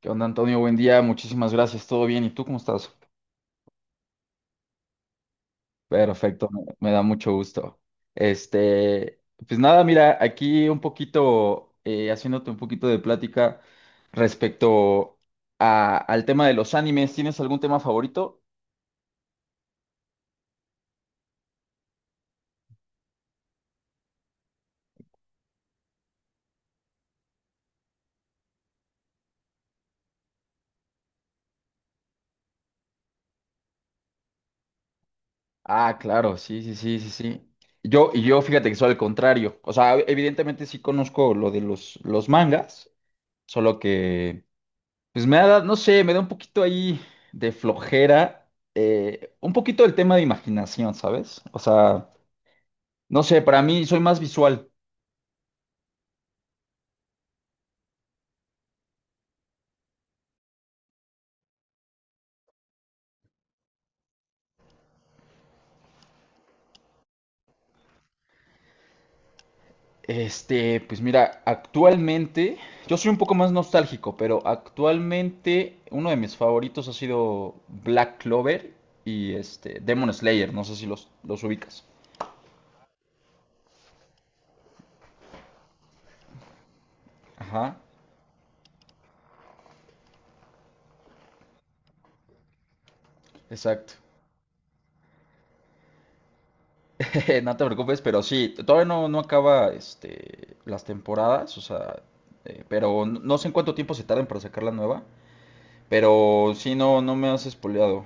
¿Qué onda, Antonio? Buen día, muchísimas gracias. ¿Todo bien? ¿Y tú cómo estás? Perfecto, me da mucho gusto. Este, pues nada, mira, aquí un poquito, haciéndote un poquito de plática respecto al tema de los animes. ¿Tienes algún tema favorito? Ah, claro, sí, sí, sí, sí, sí. Y yo fíjate que soy al contrario. O sea, evidentemente sí conozco lo de los mangas, solo que pues me ha dado, no sé, me da un poquito ahí de flojera, un poquito el tema de imaginación, ¿sabes? O sea, no sé, para mí soy más visual. Pues mira, actualmente, yo soy un poco más nostálgico, pero actualmente uno de mis favoritos ha sido Black Clover y Demon Slayer, no sé si los ubicas. Ajá, exacto. No te preocupes, pero sí, todavía no acaba las temporadas, o sea, pero no sé en cuánto tiempo se tarden para sacar la nueva, pero sí, no me has espoleado,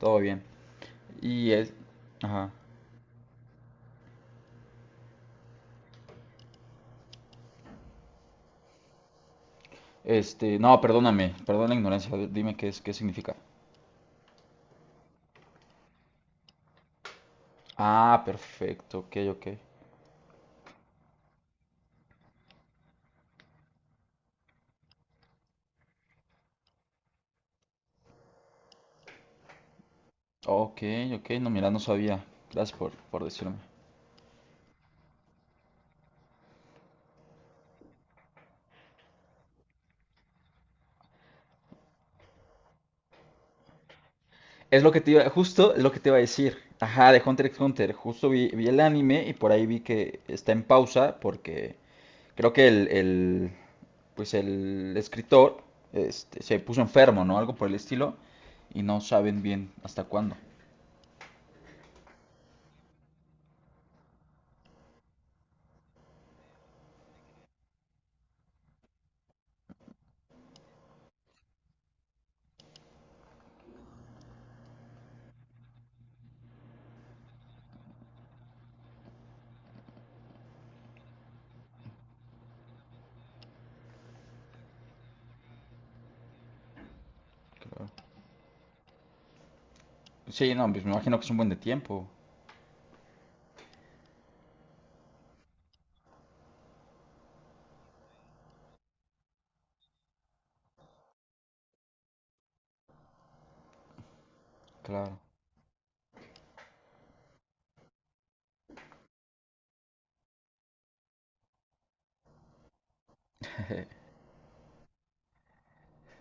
todo bien. Y es, ajá, no, perdóname, perdón la ignorancia, dime qué es, qué significa. Ah, perfecto, ok, ok. Ok, ok, no, mira, no sabía, gracias por decirme. Es lo que te iba, justo es lo que te iba a decir. Ajá, de Hunter x Hunter. Justo vi el anime y por ahí vi que está en pausa porque creo que pues el escritor se puso enfermo, ¿no? Algo por el estilo y no saben bien hasta cuándo. Claro. Sí, no, pues me imagino que es un buen de tiempo. Claro.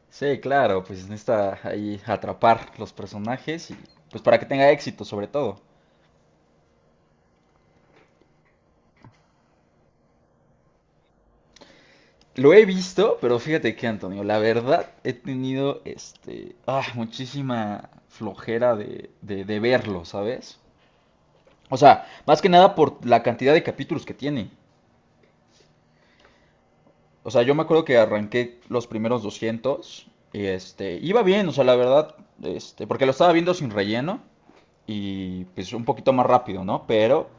Sí, claro, pues necesita ahí atrapar los personajes y pues para que tenga éxito sobre todo. Lo he visto, pero fíjate que, Antonio, la verdad he tenido muchísima flojera de verlo, ¿sabes? O sea, más que nada por la cantidad de capítulos que tiene. O sea, yo me acuerdo que arranqué los primeros 200 y iba bien, o sea, la verdad, porque lo estaba viendo sin relleno y pues un poquito más rápido, ¿no? Pero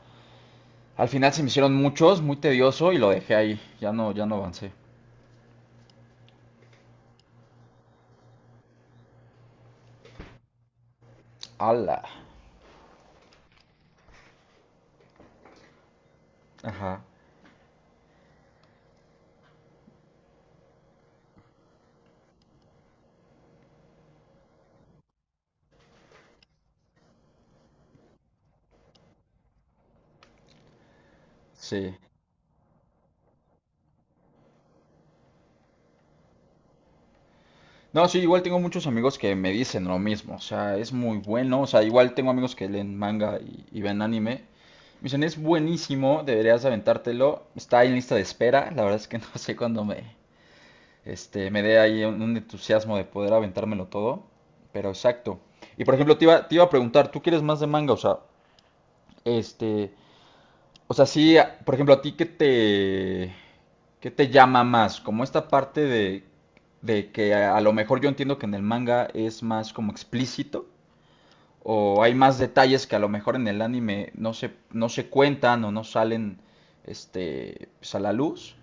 al final se me hicieron muchos, muy tedioso y lo dejé ahí, ya ya no avancé. ¡Hala! Ajá, sí. No, sí, igual tengo muchos amigos que me dicen lo mismo, o sea, es muy bueno, o sea, igual tengo amigos que leen manga y ven anime, me dicen, es buenísimo, deberías aventártelo, está ahí en lista de espera, la verdad es que no sé cuándo me, me dé ahí un entusiasmo de poder aventármelo todo, pero exacto. Y por ejemplo, te iba a preguntar, ¿tú quieres más de manga? O sea, este, sí, por ejemplo, a ti qué te llama más, como esta parte de que a lo mejor yo entiendo que en el manga es más como explícito, o hay más detalles que a lo mejor en el anime no se cuentan o no salen pues, a la luz,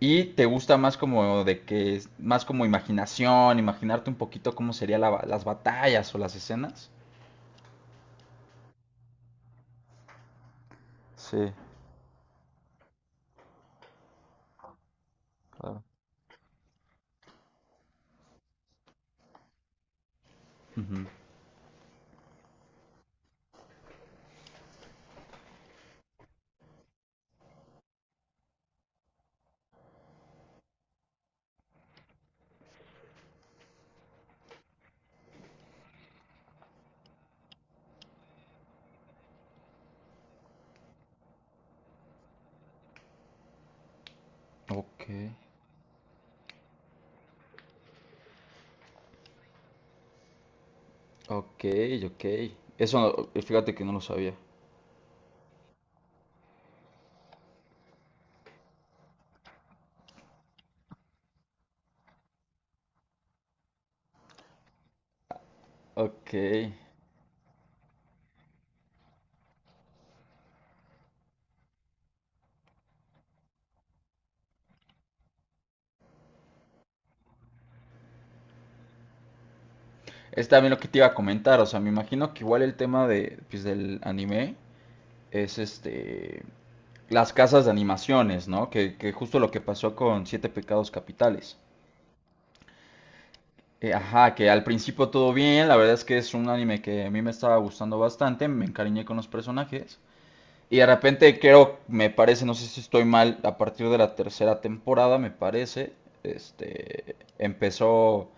y te gusta más como de que es más como imaginación, imaginarte un poquito cómo serían las batallas o las escenas. Sí, claro. Ujú. Ok. Ok, ok. Eso, fíjate que no lo sabía. Ok. Es también lo que te iba a comentar, o sea, me imagino que igual el tema de, pues, del anime es las casas de animaciones, ¿no? Que justo lo que pasó con Siete Pecados Capitales. Ajá, que al principio todo bien, la verdad es que es un anime que a mí me estaba gustando bastante, me encariñé con los personajes. Y de repente creo, me parece, no sé si estoy mal, a partir de la tercera temporada, me parece, empezó,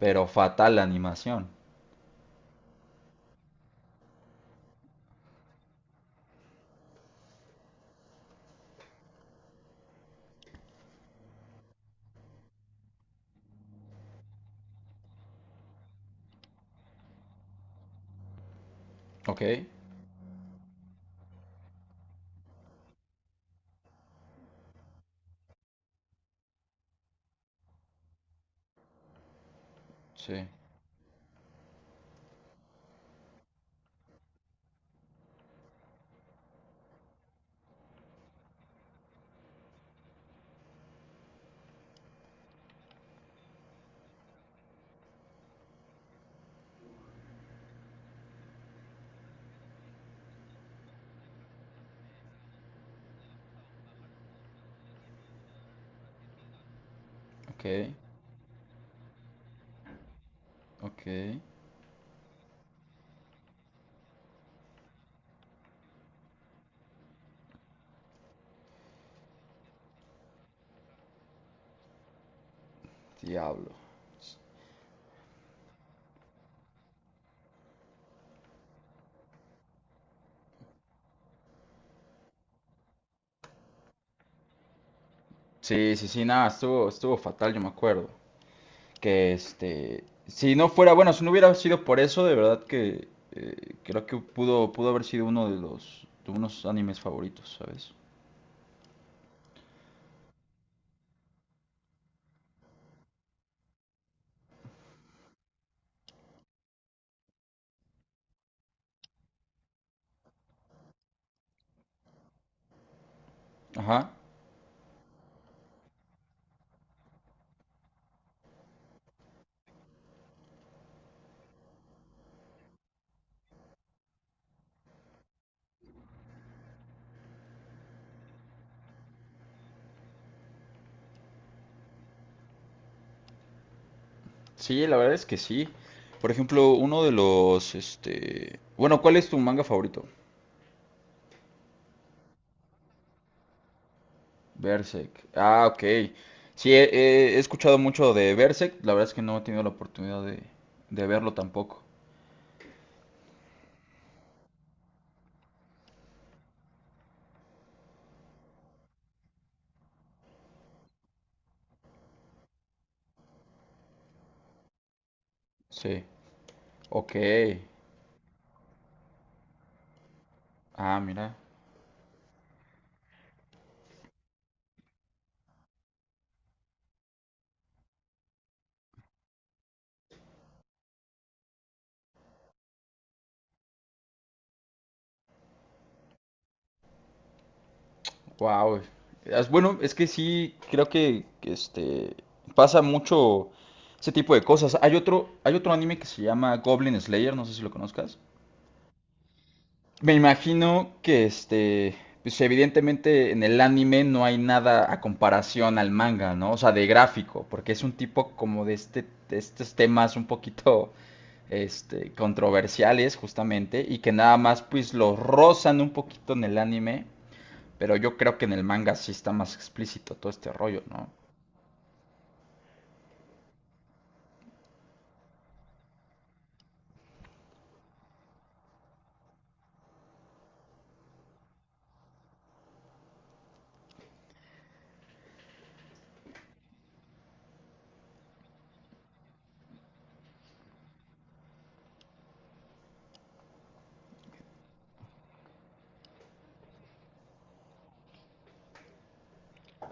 pero fatal la animación. Ok, sí, ok, ok, diablo. Sí, sí, sí, nada, estuvo, estuvo fatal, yo me acuerdo. Que este, si no fuera, bueno, si no hubiera sido por eso, de verdad que creo que pudo, pudo haber sido uno de los, de unos animes favoritos, ¿sabes? Ajá. Sí, la verdad es que sí. Por ejemplo, uno de los, este... Bueno, ¿cuál es tu manga favorito? Berserk. Ah, ok. Sí, he escuchado mucho de Berserk. La verdad es que no he tenido la oportunidad de verlo tampoco. Sí. Ok. Ah, mira. Wow. Bueno, es que sí, creo que este pasa mucho ese tipo de cosas. Hay otro anime que se llama Goblin Slayer, no sé si lo conozcas. Me imagino que pues evidentemente en el anime no hay nada a comparación al manga, ¿no? O sea, de gráfico, porque es un tipo como de este, de estos temas un poquito controversiales justamente y que nada más pues los rozan un poquito en el anime, pero yo creo que en el manga sí está más explícito todo este rollo, ¿no?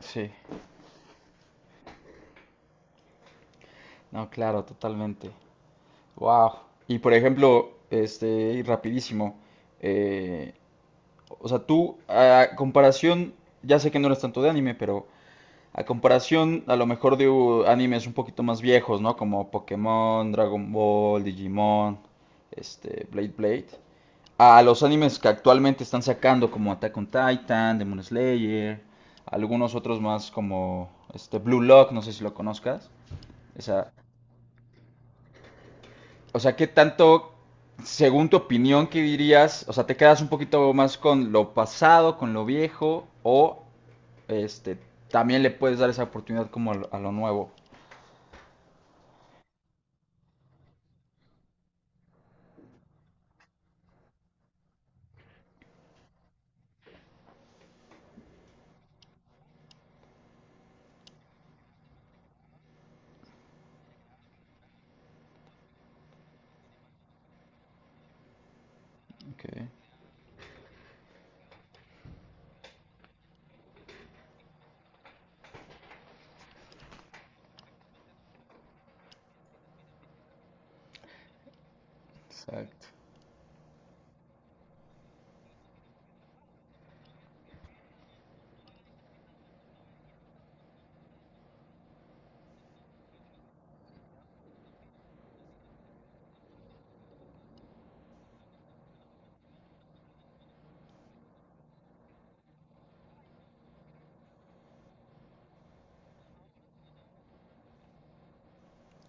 Sí, no, claro, totalmente. Wow. Y por ejemplo, y rapidísimo, eh, o sea, tú, a comparación, ya sé que no eres tanto de anime, pero a comparación a lo mejor de animes un poquito más viejos, ¿no? Como Pokémon, Dragon Ball, Digimon, Blade Blade. A los animes que actualmente están sacando, como Attack on Titan, Demon Slayer, algunos otros más como este Blue Lock, no sé si lo conozcas. Esa, o sea, ¿qué tanto, según tu opinión, qué dirías? O sea, ¿te quedas un poquito más con lo pasado, con lo viejo, o este, también le puedes dar esa oportunidad como a a lo nuevo? Ok, exacto.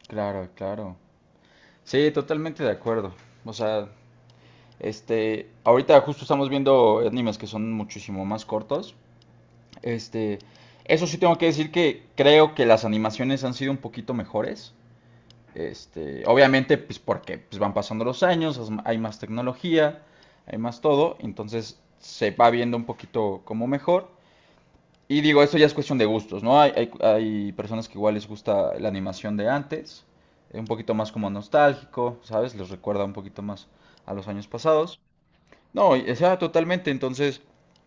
Claro, claro. Sí, totalmente de acuerdo. O sea, ahorita justo estamos viendo animes que son muchísimo más cortos. Este, Eso sí tengo que decir que creo que las animaciones han sido un poquito mejores. Obviamente, pues porque van pasando los años, hay más tecnología, hay más todo, entonces se va viendo un poquito como mejor. Y digo, eso ya es cuestión de gustos, ¿no? Hay personas que igual les gusta la animación de antes, un poquito más como nostálgico, ¿sabes? Les recuerda un poquito más a los años pasados. No, o sea, totalmente. Entonces,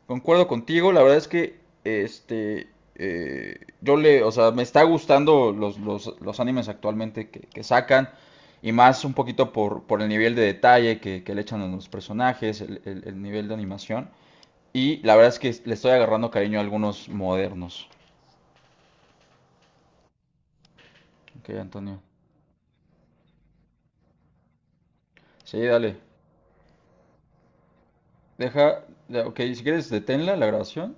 concuerdo contigo. La verdad es que yo le, o sea, me está gustando los animes actualmente que sacan. Y más un poquito por el nivel de detalle que le echan a los personajes, el nivel de animación. Y la verdad es que le estoy agarrando cariño a algunos modernos. Ok, Antonio. Sí, dale. Deja, ok, si quieres, deténla la grabación.